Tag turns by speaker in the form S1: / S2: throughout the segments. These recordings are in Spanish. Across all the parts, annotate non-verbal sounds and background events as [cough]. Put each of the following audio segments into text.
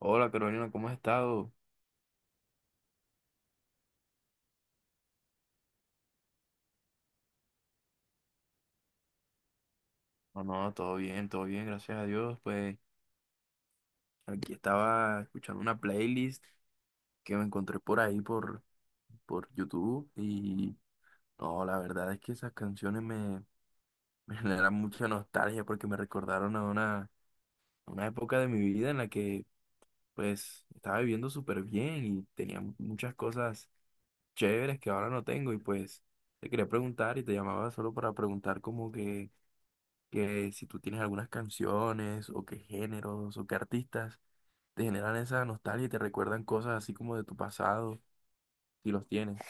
S1: Hola Carolina, ¿cómo has estado? No, no, todo bien, gracias a Dios. Pues aquí estaba escuchando una playlist que me encontré por ahí por YouTube y no, la verdad es que esas [laughs] me generan mucha nostalgia porque me recordaron a a una época de mi vida en la que pues estaba viviendo súper bien y tenía muchas cosas chéveres que ahora no tengo y pues te quería preguntar y te llamaba solo para preguntar como que... Que si tú tienes algunas canciones o qué géneros o qué artistas te generan esa nostalgia y te recuerdan cosas así como de tu pasado, si los tienes.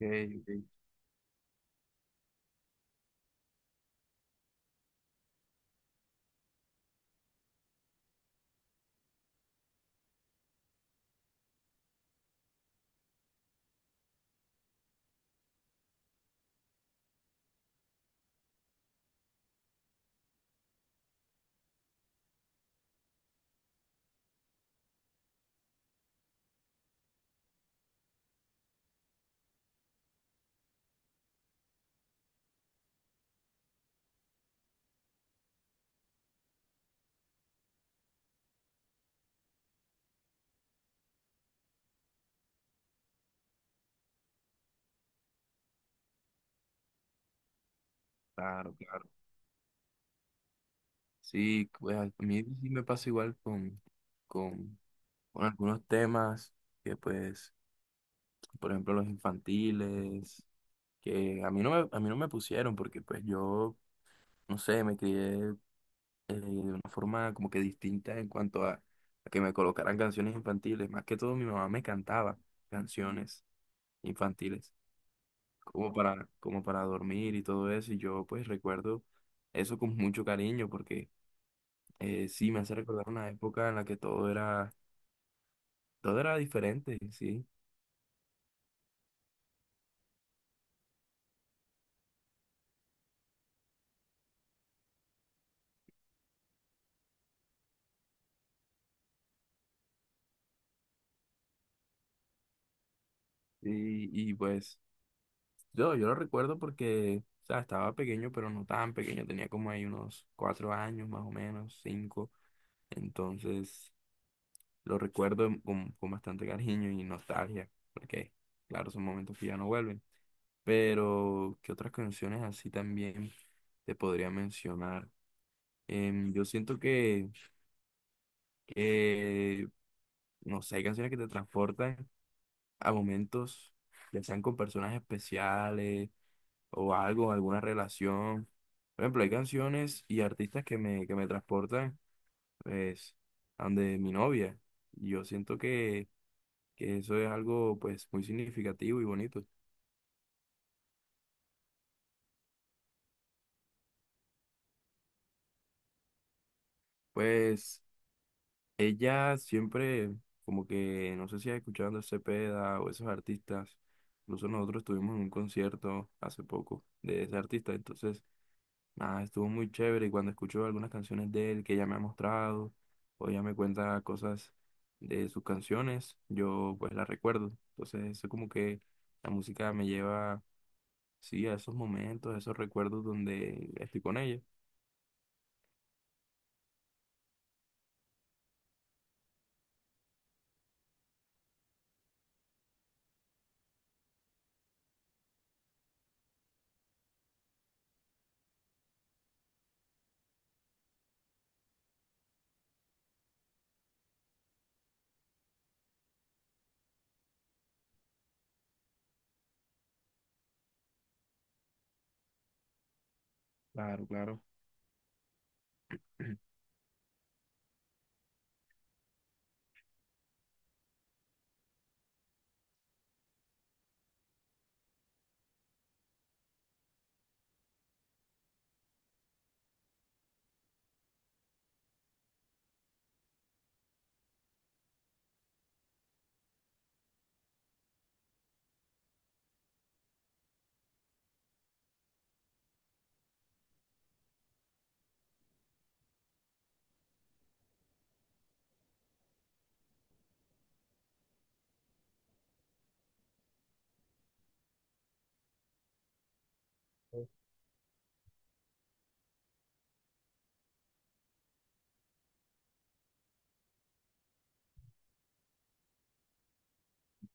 S1: Ok, ok. Claro, claro. Sí, pues a mí sí me pasa igual con, con algunos temas que pues, por ejemplo, los infantiles, que a mí no a mí no me pusieron porque pues yo, no sé, me crié de una forma como que distinta en cuanto a que me colocaran canciones infantiles. Más que todo, mi mamá me cantaba canciones infantiles, como como para dormir y todo eso. Y yo pues recuerdo eso con mucho cariño porque sí me hace recordar una época en la que todo era diferente, ¿sí? Y pues yo lo recuerdo porque... O sea, estaba pequeño, pero no tan pequeño. Tenía como ahí unos 4 años, más o menos, cinco. Entonces, lo recuerdo con bastante cariño y nostalgia, porque, claro, son momentos que ya no vuelven. Pero, ¿qué otras canciones así también te podría mencionar? Yo siento que, no sé, hay canciones que te transportan a momentos, ya sean con personas especiales o algo, alguna relación. Por ejemplo, hay canciones y artistas que que me transportan, pues, a donde mi novia. Y yo siento que eso es algo pues muy significativo y bonito. Pues ella siempre, como que, no sé si has escuchado a Andrés Cepeda o esos artistas, incluso nosotros estuvimos en un concierto hace poco de ese artista, entonces, nada, estuvo muy chévere y cuando escucho algunas canciones de él que ella me ha mostrado o ella me cuenta cosas de sus canciones, yo pues las recuerdo. Entonces, eso como que la música me lleva, sí, a esos momentos, a esos recuerdos donde estoy con ella. Claro, claro. [clears throat]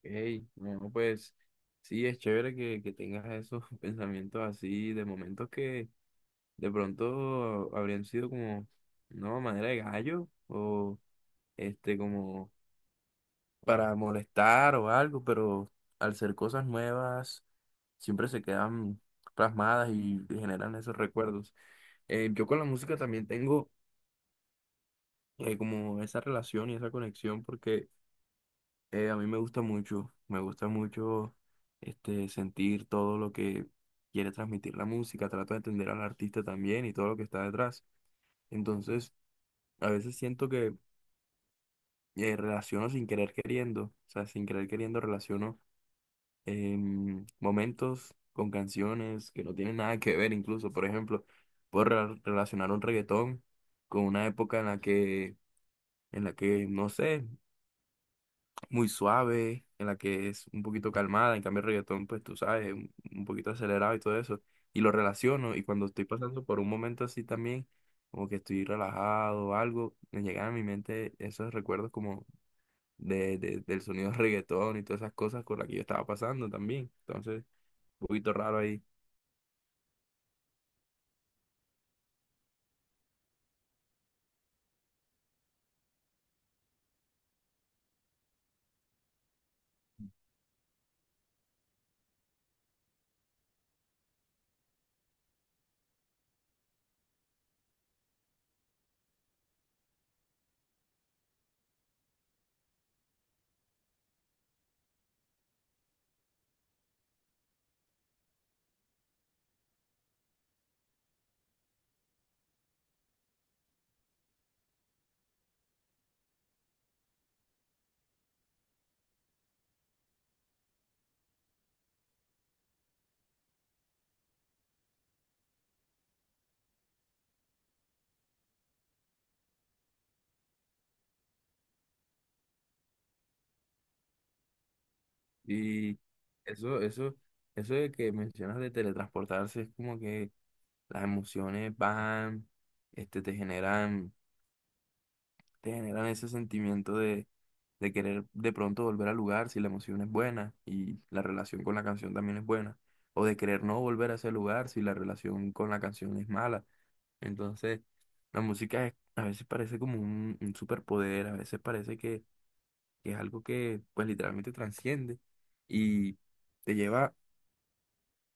S1: Ey, no, pues sí, es chévere que tengas esos [laughs] pensamientos así de momentos que de pronto habrían sido como, no, manera de gallo o este como para molestar o algo, pero al ser cosas nuevas siempre se quedan plasmadas y generan esos recuerdos. Yo con la música también tengo como esa relación y esa conexión porque a mí me gusta mucho este, sentir todo lo que quiere transmitir la música, trato de entender al artista también y todo lo que está detrás. Entonces, a veces siento que relaciono sin querer queriendo, o sea, sin querer queriendo relaciono momentos con canciones que no tienen nada que ver incluso. Por ejemplo, puedo relacionar un reggaetón con una época en en la que, no sé. Muy suave, en la que es un poquito calmada, en cambio el reggaetón, pues tú sabes, un poquito acelerado y todo eso, y lo relaciono, y cuando estoy pasando por un momento así también, como que estoy relajado o algo, me llegan a mi mente esos recuerdos como del sonido del reggaetón y todas esas cosas con las que yo estaba pasando también, entonces, un poquito raro ahí, y eso, eso, eso de que mencionas de teletransportarse es como que las emociones van, este, te generan ese sentimiento de querer de pronto volver al lugar si la emoción es buena y la relación con la canción también es buena, o de querer no volver a ese lugar si la relación con la canción es mala. Entonces, la a veces parece como un superpoder, a veces parece que es algo que pues literalmente transciende y te lleva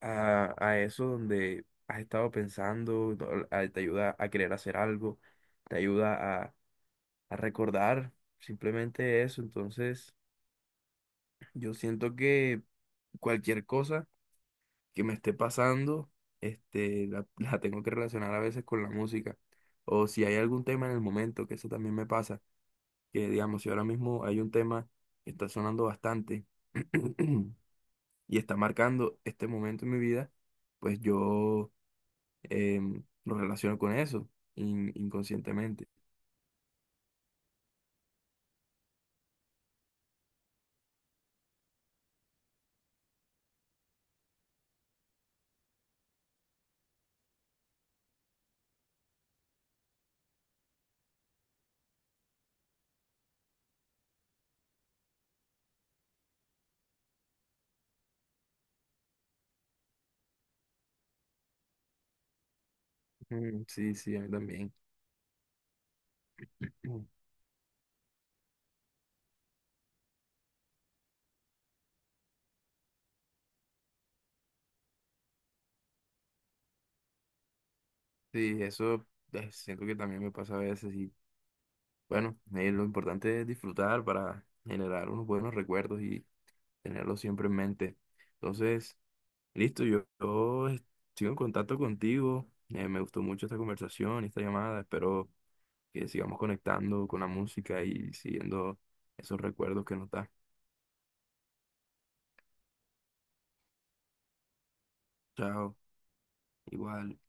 S1: a eso donde has estado pensando, te ayuda a querer hacer algo, te ayuda a recordar, simplemente eso. Entonces, yo siento que cualquier cosa que me esté pasando, este, la, [laughs] la tengo que relacionar a veces con la música. O si hay algún tema en el momento, que eso también me pasa, que digamos, si ahora mismo hay un tema que está sonando bastante [clears throat] y está marcando este momento en mi vida, pues yo lo relaciono con eso, inconscientemente. Mm, sí, sí, a mí también. [clears throat] Sí, eso siento que también me pasa a veces y bueno, lo importante es disfrutar para generar unos buenos recuerdos y tenerlos siempre en mente. Entonces, listo, sigo en contacto contigo, me gustó mucho esta conversación y esta llamada, espero que sigamos conectando con la música y siguiendo esos recuerdos que nos da. Chao, igual.